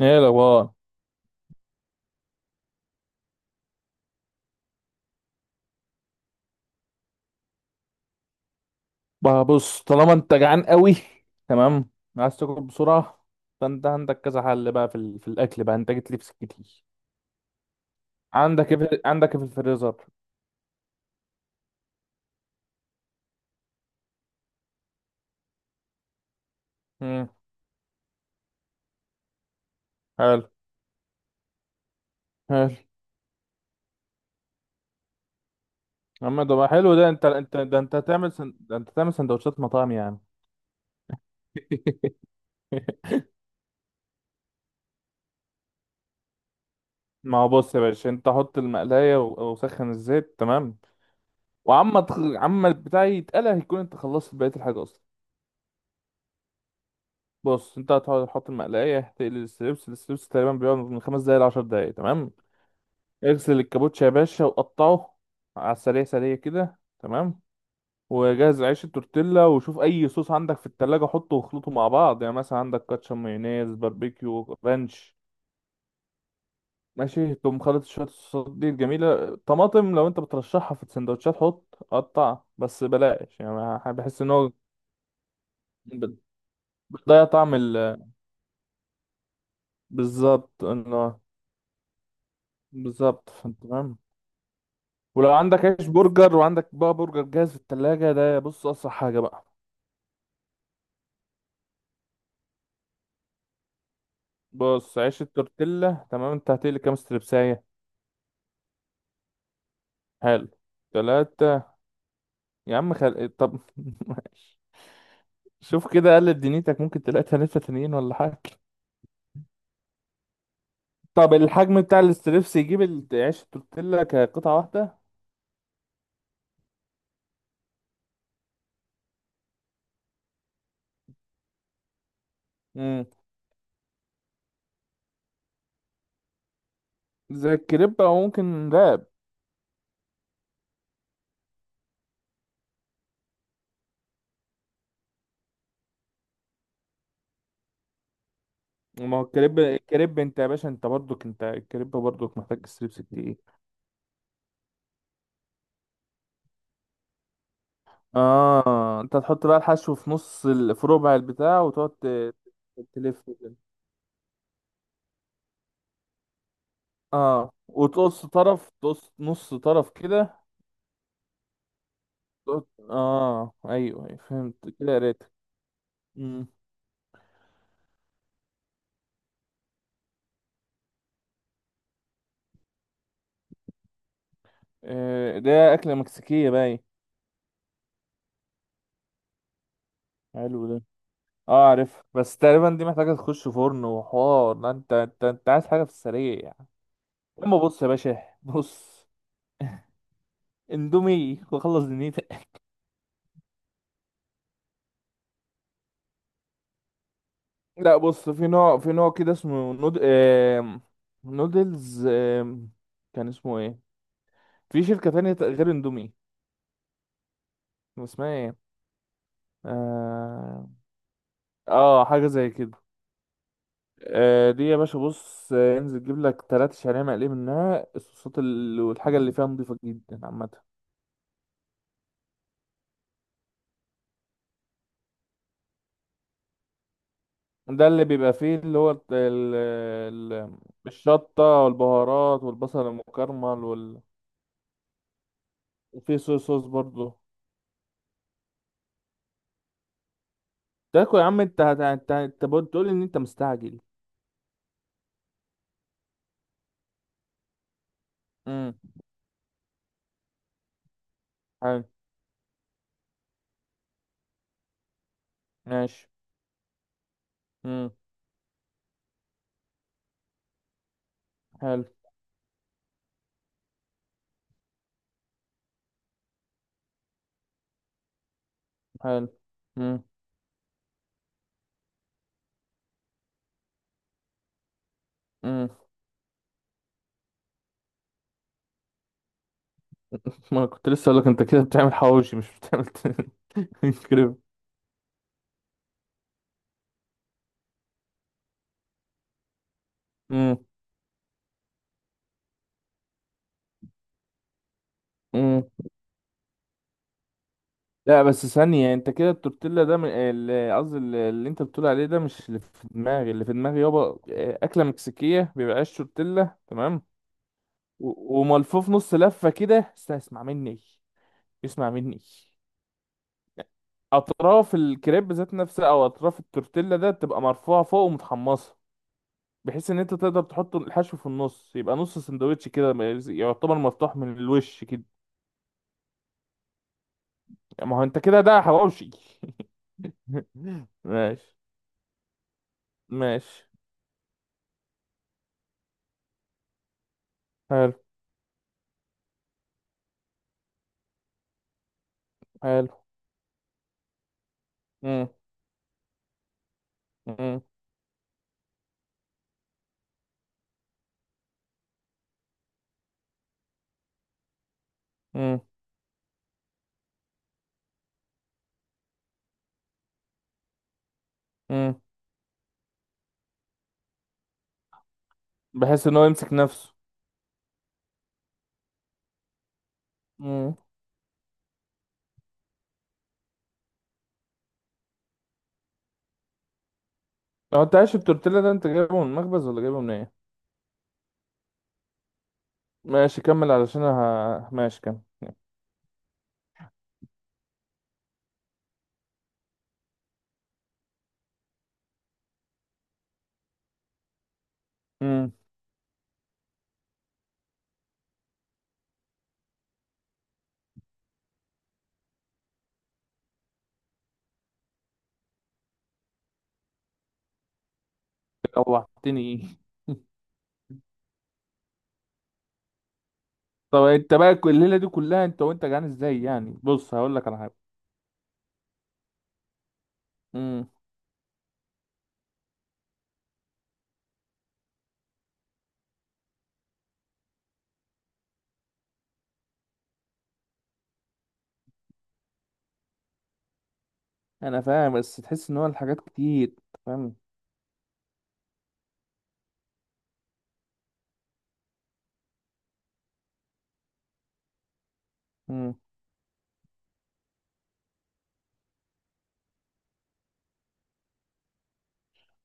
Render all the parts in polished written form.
ايه الاخبار؟ بقى بص، طالما انت جعان قوي، تمام، عايز تاكل بسرعه، فانت عندك كذا حل بقى في الاكل بقى. انت جيت لي في سكتي. عندك ايه عندك ايه في الفريزر؟ امم، حلو حلو. اما ده بقى حلو. ده انت ده انت ده انت هتعمل سندوتشات مطاعم يعني. ما هو بص يا باشا، انت حط المقلايه وسخن الزيت، تمام. عما البتاع يتقلى هيكون انت خلصت بقيه الحاجه اصلا. بص، انت هتحط المقلايه تقلي الستريبس. الستريبس تقريبا بيقعد من 5 دقايق لـ10 دقايق، تمام. اغسل الكابوتشا يا باشا وقطعه على السريع، سريع كده، تمام. وجهز عيش التورتيلا، وشوف اي صوص عندك في التلاجة حطه واخلطه مع بعض. يعني مثلا عندك كاتشب، مايونيز، باربيكيو، رانش، ماشي، تقوم خلط شوية الصوصات دي الجميلة. طماطم لو انت بترشحها في السندوتشات حط قطع بس، بلاش يعني، أنا بحس ان هو بت- بتضيع طعم ال... بالظبط، انه بالظبط، فانت تمام. ولو عندك عيش برجر وعندك بقى برجر جاهز في التلاجة، ده بص أسرع حاجة بقى. بص عيش التورتيلا، تمام. انت هتقلي كام ستربساية؟ حلو. تلاتة؟ يا عم طب ماشي. شوف كده قلب دنيتك، ممكن تلاقي تلاتة تانيين ولا حاجة. طب الحجم بتاع الستريبس يجيب عيش التورتيلا كقطعة واحدة. امم. زي الكريب او ممكن راب. ما هو الكريب، الكريب انت يا باشا، انت برضك، انت الكريب برضك محتاج ستريبس كتير. اه، انت تحط بقى الحشو في في ربع البتاع، تلف كده. اه، وتقص طرف، تقص نص طرف كده. تقعد- اه، ايوه، أيوة، فهمت كده قريت. امم. آه، ده اكله مكسيكيه، باي حلو ده. اه عارف، بس تقريبا دي محتاجه تخش فرن وحوار، لا انت انت عايز حاجه في السريع يعني. اما بص يا باشا بص، اندومي وخلص دنيتك. لا بص، في نوع، في نوع كده نودلز، كان اسمه ايه؟ في شركه تانية غير اندومي، اسمها ايه؟ آم... اه حاجه زي كده. آه دي يا باشا، بص انزل جيب لك 3 شعريه مقليه منها. والحاجه اللي فيها نضيفه جدا عامه. ده اللي بيبقى فيه اللي هو الشطه والبهارات والبصل المكرمل وفيه صويا صوص برضه. تاكل يا عم، انت بتقول ان انت مستعجل. امم. حلو. ماشي. امم. حلو حلو. امم. امم. ما كنت لسه اقول لك انت كده بتعمل حواوشي، مش بتعمل. كريب. امم. لا بس ثانية، انت كده التورتيلا ده قصدي اللي انت بتقول عليه ده مش اللي في دماغي. اللي في دماغي يابا، اه، أكلة مكسيكية، بيبقى عيش تورتيلا تمام وملفوف نص لفة كده. اسمع مني، اسمع مني، أطراف الكريب ذات نفسها أو أطراف التورتيلا ده تبقى مرفوعة فوق ومتحمصة، بحيث إن أنت تقدر تحط الحشو في النص. يبقى نص سندوتش كده، يعتبر مفتوح من الوش كده. ما هو أنت كده ده حواوشي. ماشي، ماشي. حلو حلو. مم. مم. مم. مم. بحيث ان هو يمسك نفسه. مم. هو انت عايش التورتيلا ده انت جايبه من المخبز ولا جايبه من ايه؟ ماشي كمل، ماشي كمل. امم. روحتني. طب انت بقى كل الليله دي كلها انت وانت جعان ازاي يعني؟ بص هقول لك على حاجه. امم. انا فاهم، بس تحس ان هو الحاجات كتير انت، فاهم. امم.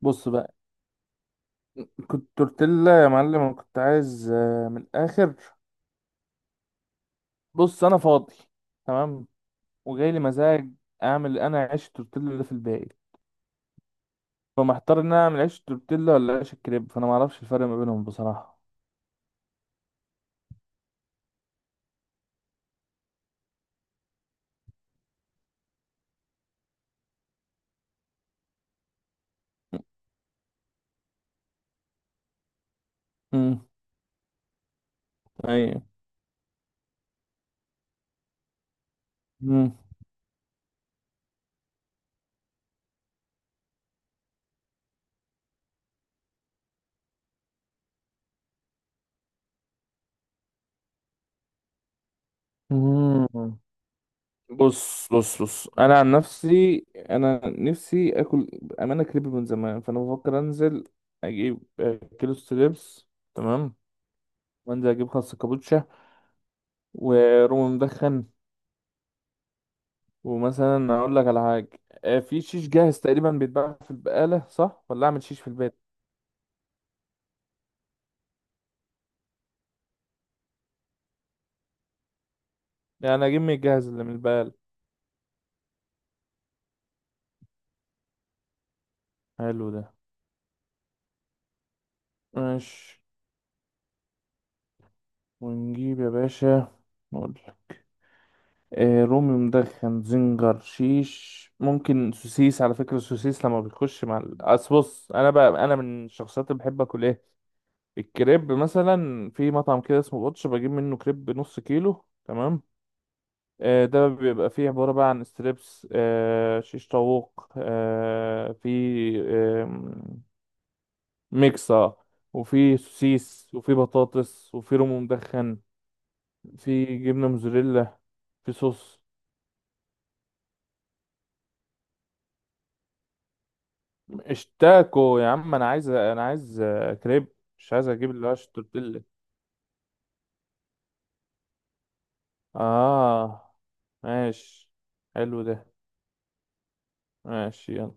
بص بقى، كنت تورتيلا يا معلم، انا كنت عايز من الاخر. بص انا فاضي، تمام، وجاي لي مزاج اعمل انا عيش تورتيلا اللي في الباقي. فمحتار ان انا اعمل عيش تورتيلا ولا عيش الكريب، فانا ما اعرفش الفرق ما بينهم بصراحه. امم. ايوه. امم. أمم. بص انا عن نفسي انا نفسي اكل امانه كريب من زمان، فانا بفكر انزل اجيب كيلو ستريبس، تمام، وانزل اجيب خس كابوتشا ورومي مدخن. ومثلا اقول لك على حاجه، في شيش جاهز تقريبا بيتباع في البقاله، صح؟ ولا اعمل شيش في البيت؟ يعني اجيب من الجاهز اللي من البقاله. حلو ده. ماشي. ونجيب يا باشا، نقول لك، آه رومي مدخن، زنجر، شيش، ممكن سوسيس. على فكرة السوسيس لما بيخش مع أصل بص، أنا بقى، أنا من الشخصيات اللي بحب أكل إيه؟ الكريب مثلا في مطعم كده اسمه بوتش بجيب منه كريب نص كيلو، تمام. آه ده بيبقى فيه عبارة بقى عن ستريبس، آه شيش طاووق، آه في آه ميكسة، وفي سوسيس، وفي بطاطس، وفي رومي مدخن، في جبنه موزاريلا، في صوص. مش تاكو يا عم، انا عايز، انا عايز كريب، مش عايز اجيب اللي هو تورتيلا. اه. ماشي. حلو ده. ماشي يلا.